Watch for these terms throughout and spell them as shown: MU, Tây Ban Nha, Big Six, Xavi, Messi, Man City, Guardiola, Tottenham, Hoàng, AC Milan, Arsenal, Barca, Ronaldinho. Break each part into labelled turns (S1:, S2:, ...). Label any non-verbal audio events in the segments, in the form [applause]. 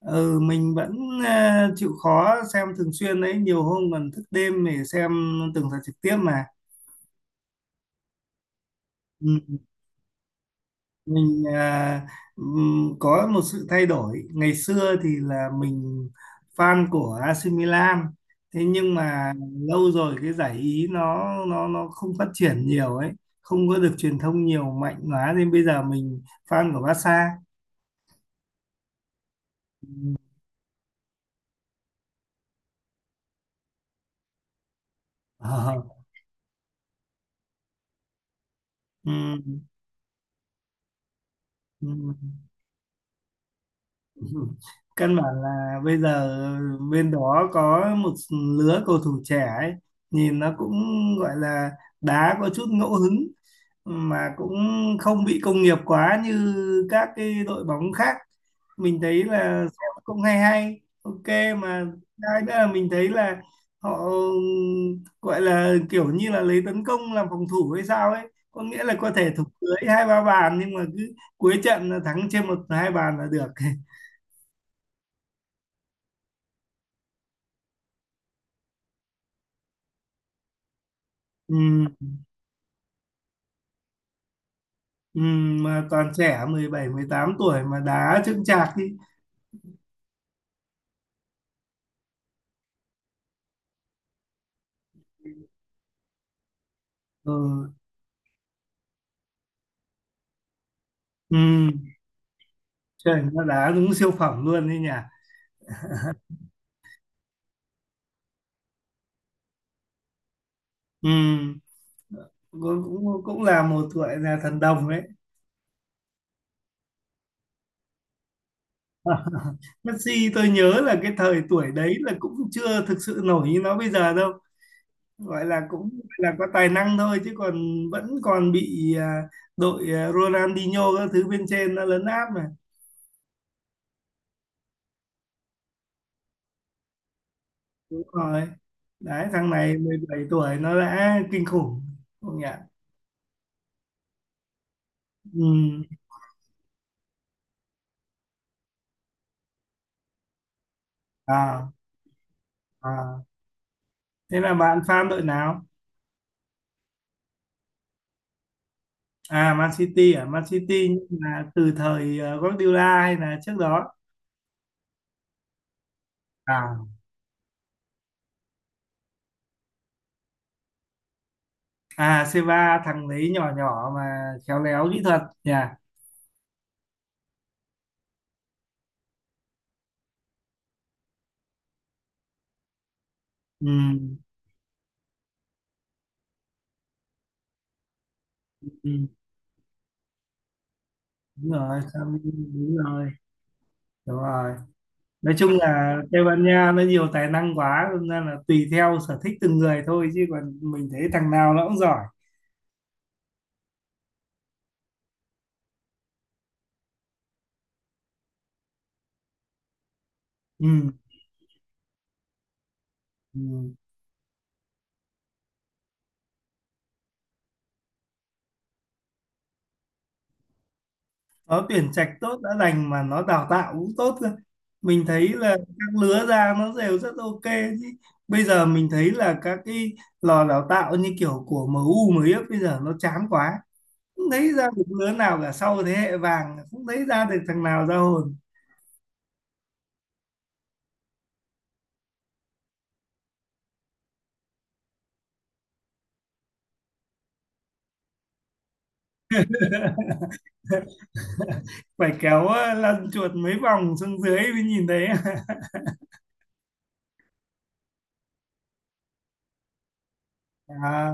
S1: Ừ, mình vẫn chịu khó xem thường xuyên đấy, nhiều hôm còn thức đêm để xem từng trận trực tiếp mà. Ừ. Mình có một sự thay đổi. Ngày xưa thì là mình fan của AC Milan, thế nhưng mà lâu rồi cái giải Ý nó không phát triển nhiều ấy, không có được truyền thông nhiều mạnh quá nên bây giờ mình fan của Barca. Ờ. Ừ. Ừ. [laughs] Căn bản là bây giờ bên đó có một lứa cầu thủ trẻ ấy, nhìn nó cũng gọi là đá có chút ngẫu hứng, mà cũng không bị công nghiệp quá như các cái đội bóng khác. Mình thấy là xem cũng hay hay, ok mà. Hai nữa là mình thấy là họ gọi là kiểu như là lấy tấn công làm phòng thủ hay sao ấy, có nghĩa là có thể thủng lưới hai ba bàn nhưng mà cứ cuối trận là thắng trên một hai bàn là được. [laughs] Ừ, ừ, mà toàn trẻ 17, 18 tuổi mà đá chững chạc đi. Ừ, ừ, trời nó đá đúng siêu phẩm luôn đấy nhỉ. Ừ, cũng, cũng cũng là một tuổi là thần đồng đấy. Messi tôi nhớ là cái thời tuổi đấy là cũng chưa thực sự nổi như nó bây giờ đâu. Gọi là cũng là có tài năng thôi chứ còn vẫn còn bị đội Ronaldinho các thứ bên trên nó lấn áp mà. Đúng rồi. Đấy thằng này 17 tuổi nó đã kinh khủng. Không nhỉ? Ừ. À, à. Thế là bạn fan đội nào? À? Man City nhưng là từ thời Guardiola hay là trước đó? À, à, C3 thằng đấy nhỏ nhỏ mà khéo léo kỹ thuật nhỉ? Ừ. Ừ. Đúng rồi, Xavi, đúng rồi, đúng rồi. Nói chung là Tây Ban Nha nó nhiều tài năng quá, nên là tùy theo sở thích từng người thôi chứ còn mình thấy thằng nào nó cũng giỏi. Ừ. Ừ. Nó tuyển trạch tốt đã đành mà nó đào tạo cũng tốt cơ, mình thấy là các lứa ra nó đều rất ok. Chứ bây giờ mình thấy là các cái lò đào tạo như kiểu của MU mới ép bây giờ nó chán quá, không thấy ra được lứa nào cả, sau thế hệ vàng không thấy ra được thằng nào ra hồn. Phải kéo lăn chuột mấy vòng xuống dưới mới nhìn thấy. [laughs] À,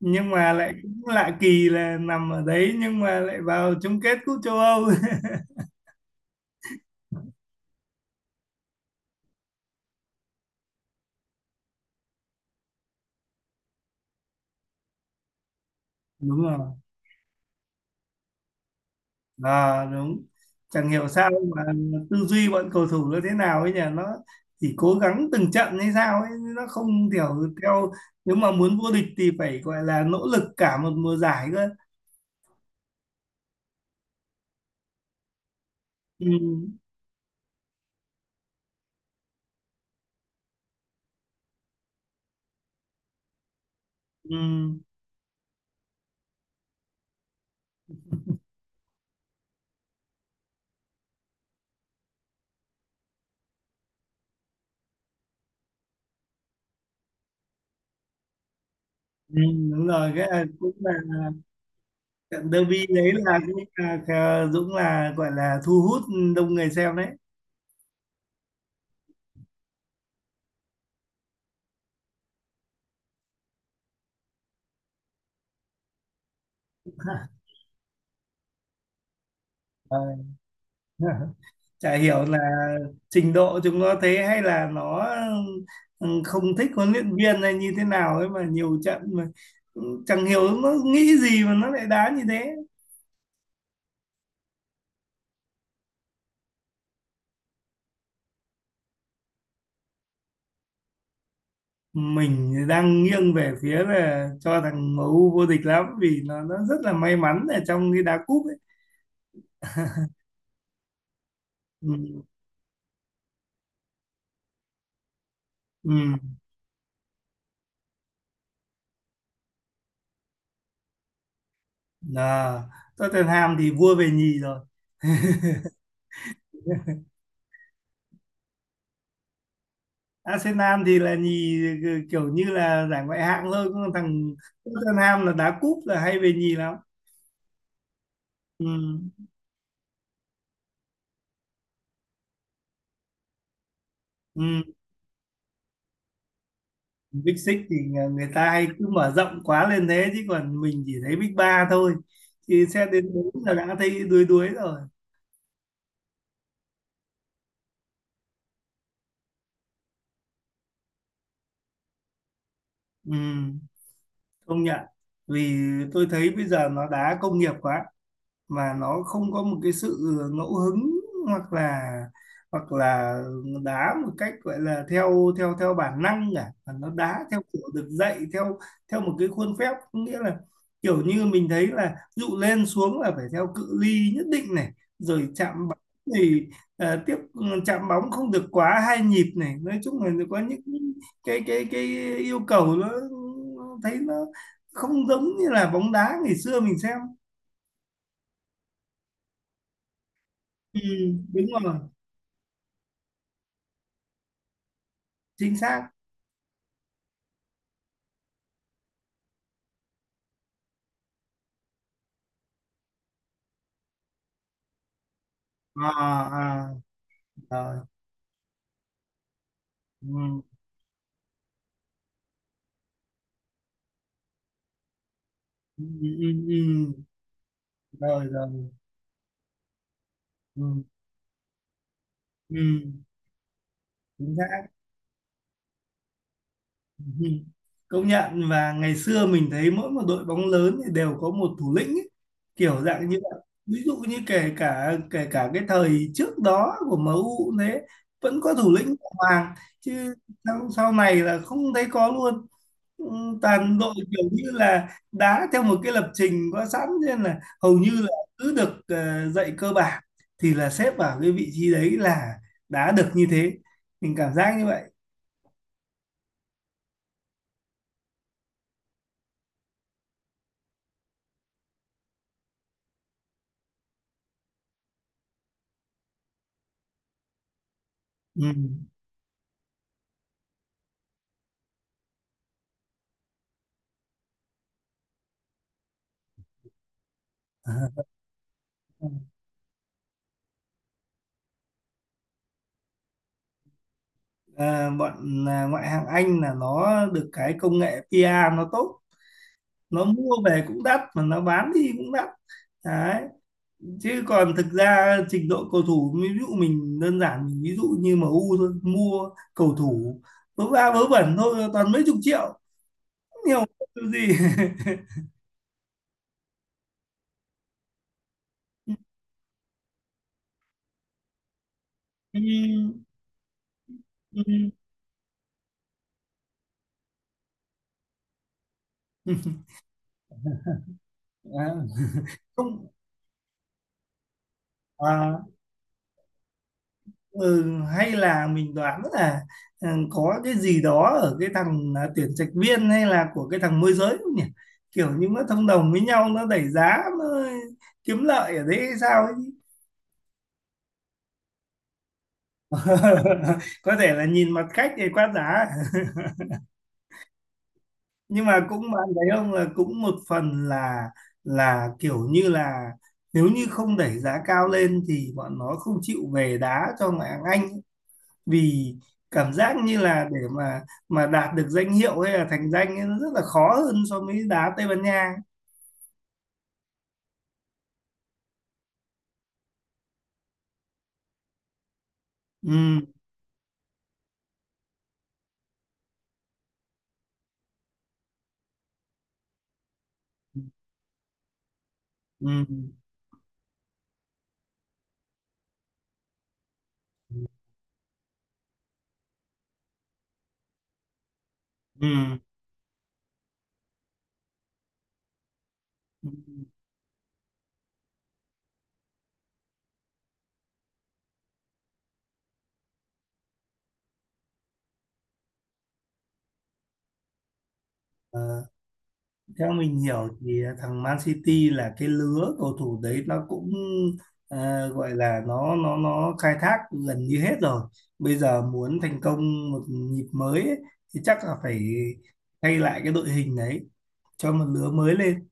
S1: nhưng mà lại cũng lạ kỳ là nằm ở đấy nhưng mà lại vào chung kết cúp châu Âu. [laughs] Đúng rồi. À, đúng. Chẳng hiểu sao mà tư duy bọn cầu thủ nó thế nào ấy nhỉ, nó chỉ cố gắng từng trận hay sao ấy, nó không kiểu theo. Nếu mà muốn vô địch thì phải gọi là nỗ lực cả một mùa giải cơ. Ừ, ừ, ừ, đúng rồi, cái là cũng là trận derby đấy là, cũng là Dũng là gọi là thu hút đông người xem đấy. [laughs] Ờ. Chả hiểu là trình độ chúng nó thế, hay là nó, ừ, không thích huấn luyện viên hay như thế nào ấy, mà nhiều trận mà, ừ, chẳng hiểu nó nghĩ gì mà nó lại đá như thế. Mình đang nghiêng về phía là cho thằng MU vô địch lắm vì nó rất là may mắn ở trong cái đá cúp ấy. Ừ. Ừ. À, Tottenham thì vua về nhì rồi. Arsenal thì là nhì, ừ, kiểu như là giải ngoại hạng thôi, còn thằng Tottenham là đá cúp là hay về nhì lắm. Ừ. Ừ. Big Six thì người ta hay cứ mở rộng quá lên thế, chứ còn mình chỉ thấy Big Ba thôi, thì sẽ đến bốn là đã thấy đuối đuối rồi. Ừ, công nhận. Vì tôi thấy bây giờ nó đá công nghiệp quá, mà nó không có một cái sự ngẫu hứng, hoặc là hoặc là đá một cách gọi là theo theo theo bản năng cả, mà nó đá theo kiểu được dạy, theo theo một cái khuôn phép. Có nghĩa là kiểu như mình thấy là ví dụ lên xuống là phải theo cự ly nhất định này, rồi chạm bóng thì tiếp chạm bóng không được quá hai nhịp này. Nói chung là có những cái yêu cầu, nó thấy nó không giống như là bóng đá ngày xưa mình xem. Ừ, đúng rồi, chính xác. À, à, rồi. Ừ, ừ, ừ, ừ. Rồi, rồi. Ừ, ừ, chính xác. Ừ, công nhận, và ngày xưa mình thấy mỗi một đội bóng lớn thì đều có một thủ lĩnh ấy, kiểu dạng như vậy. Ví dụ như kể cả cái thời trước đó của MU cũng thế, vẫn có thủ lĩnh của Hoàng chứ sau này là không thấy có luôn. Ừ, toàn đội kiểu như là đá theo một cái lập trình có sẵn, nên là hầu như là cứ được dạy cơ bản thì là xếp vào cái vị trí đấy là đá được như thế, mình cảm giác như vậy. Ừ. Ờ, bọn ngoại hạng Anh là nó được cái công nghệ PR nó tốt, nó mua về cũng đắt mà nó bán đi cũng đắt đấy. Chứ còn thực ra trình độ cầu thủ, ví dụ mình đơn giản, mình ví dụ như MU thôi, mua cầu thủ vớ va vớ vẩn thôi, toàn mấy chục triệu, không hiểu cái gì. [laughs] Ừ, ừ. À, không, à, ừ, hay là mình đoán là, ừ, có cái gì đó ở cái thằng tuyển trạch viên, hay là của cái thằng môi giới không nhỉ, kiểu như nó thông đồng với nhau, nó đẩy giá, nó kiếm lợi ở đấy hay sao ấy. [laughs] Có thể là nhìn mặt khách thì quá giá. [laughs] Nhưng mà cũng bạn thấy không, là cũng một phần là kiểu như là, nếu như không đẩy giá cao lên thì bọn nó không chịu về đá cho ngoại hạng Anh, vì cảm giác như là để mà đạt được danh hiệu hay là thành danh ấy, nó rất là khó hơn so với đá Tây Ban Nha. Ừ, ừ, ừ, ừ. Ờ, theo mình hiểu thì thằng Man City là cái lứa cầu thủ đấy nó cũng gọi là nó khai thác gần như hết rồi, bây giờ muốn thành công một nhịp mới ấy, thì chắc là phải thay lại cái đội hình đấy cho một lứa mới lên.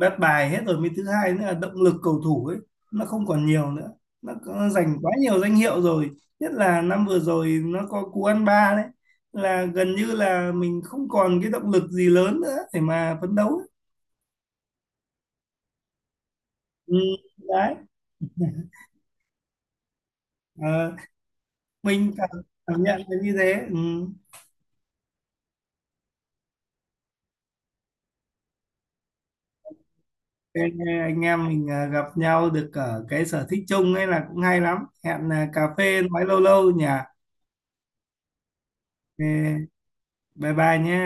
S1: Bắt bài hết rồi, mới thứ hai nữa là động lực cầu thủ ấy, nó không còn nhiều nữa. Nó giành quá nhiều danh hiệu rồi, nhất là năm vừa rồi nó có cú ăn ba đấy, là gần như là mình không còn cái động lực gì lớn nữa để mà phấn đấu ấy. Ừ, đấy. Ờ, mình cảm nhận là như thế. Ừ. Thế, anh em mình gặp nhau được ở cái sở thích chung ấy là cũng hay lắm. Hẹn cà phê nói lâu lâu nhỉ. Thế, bye bye nhé.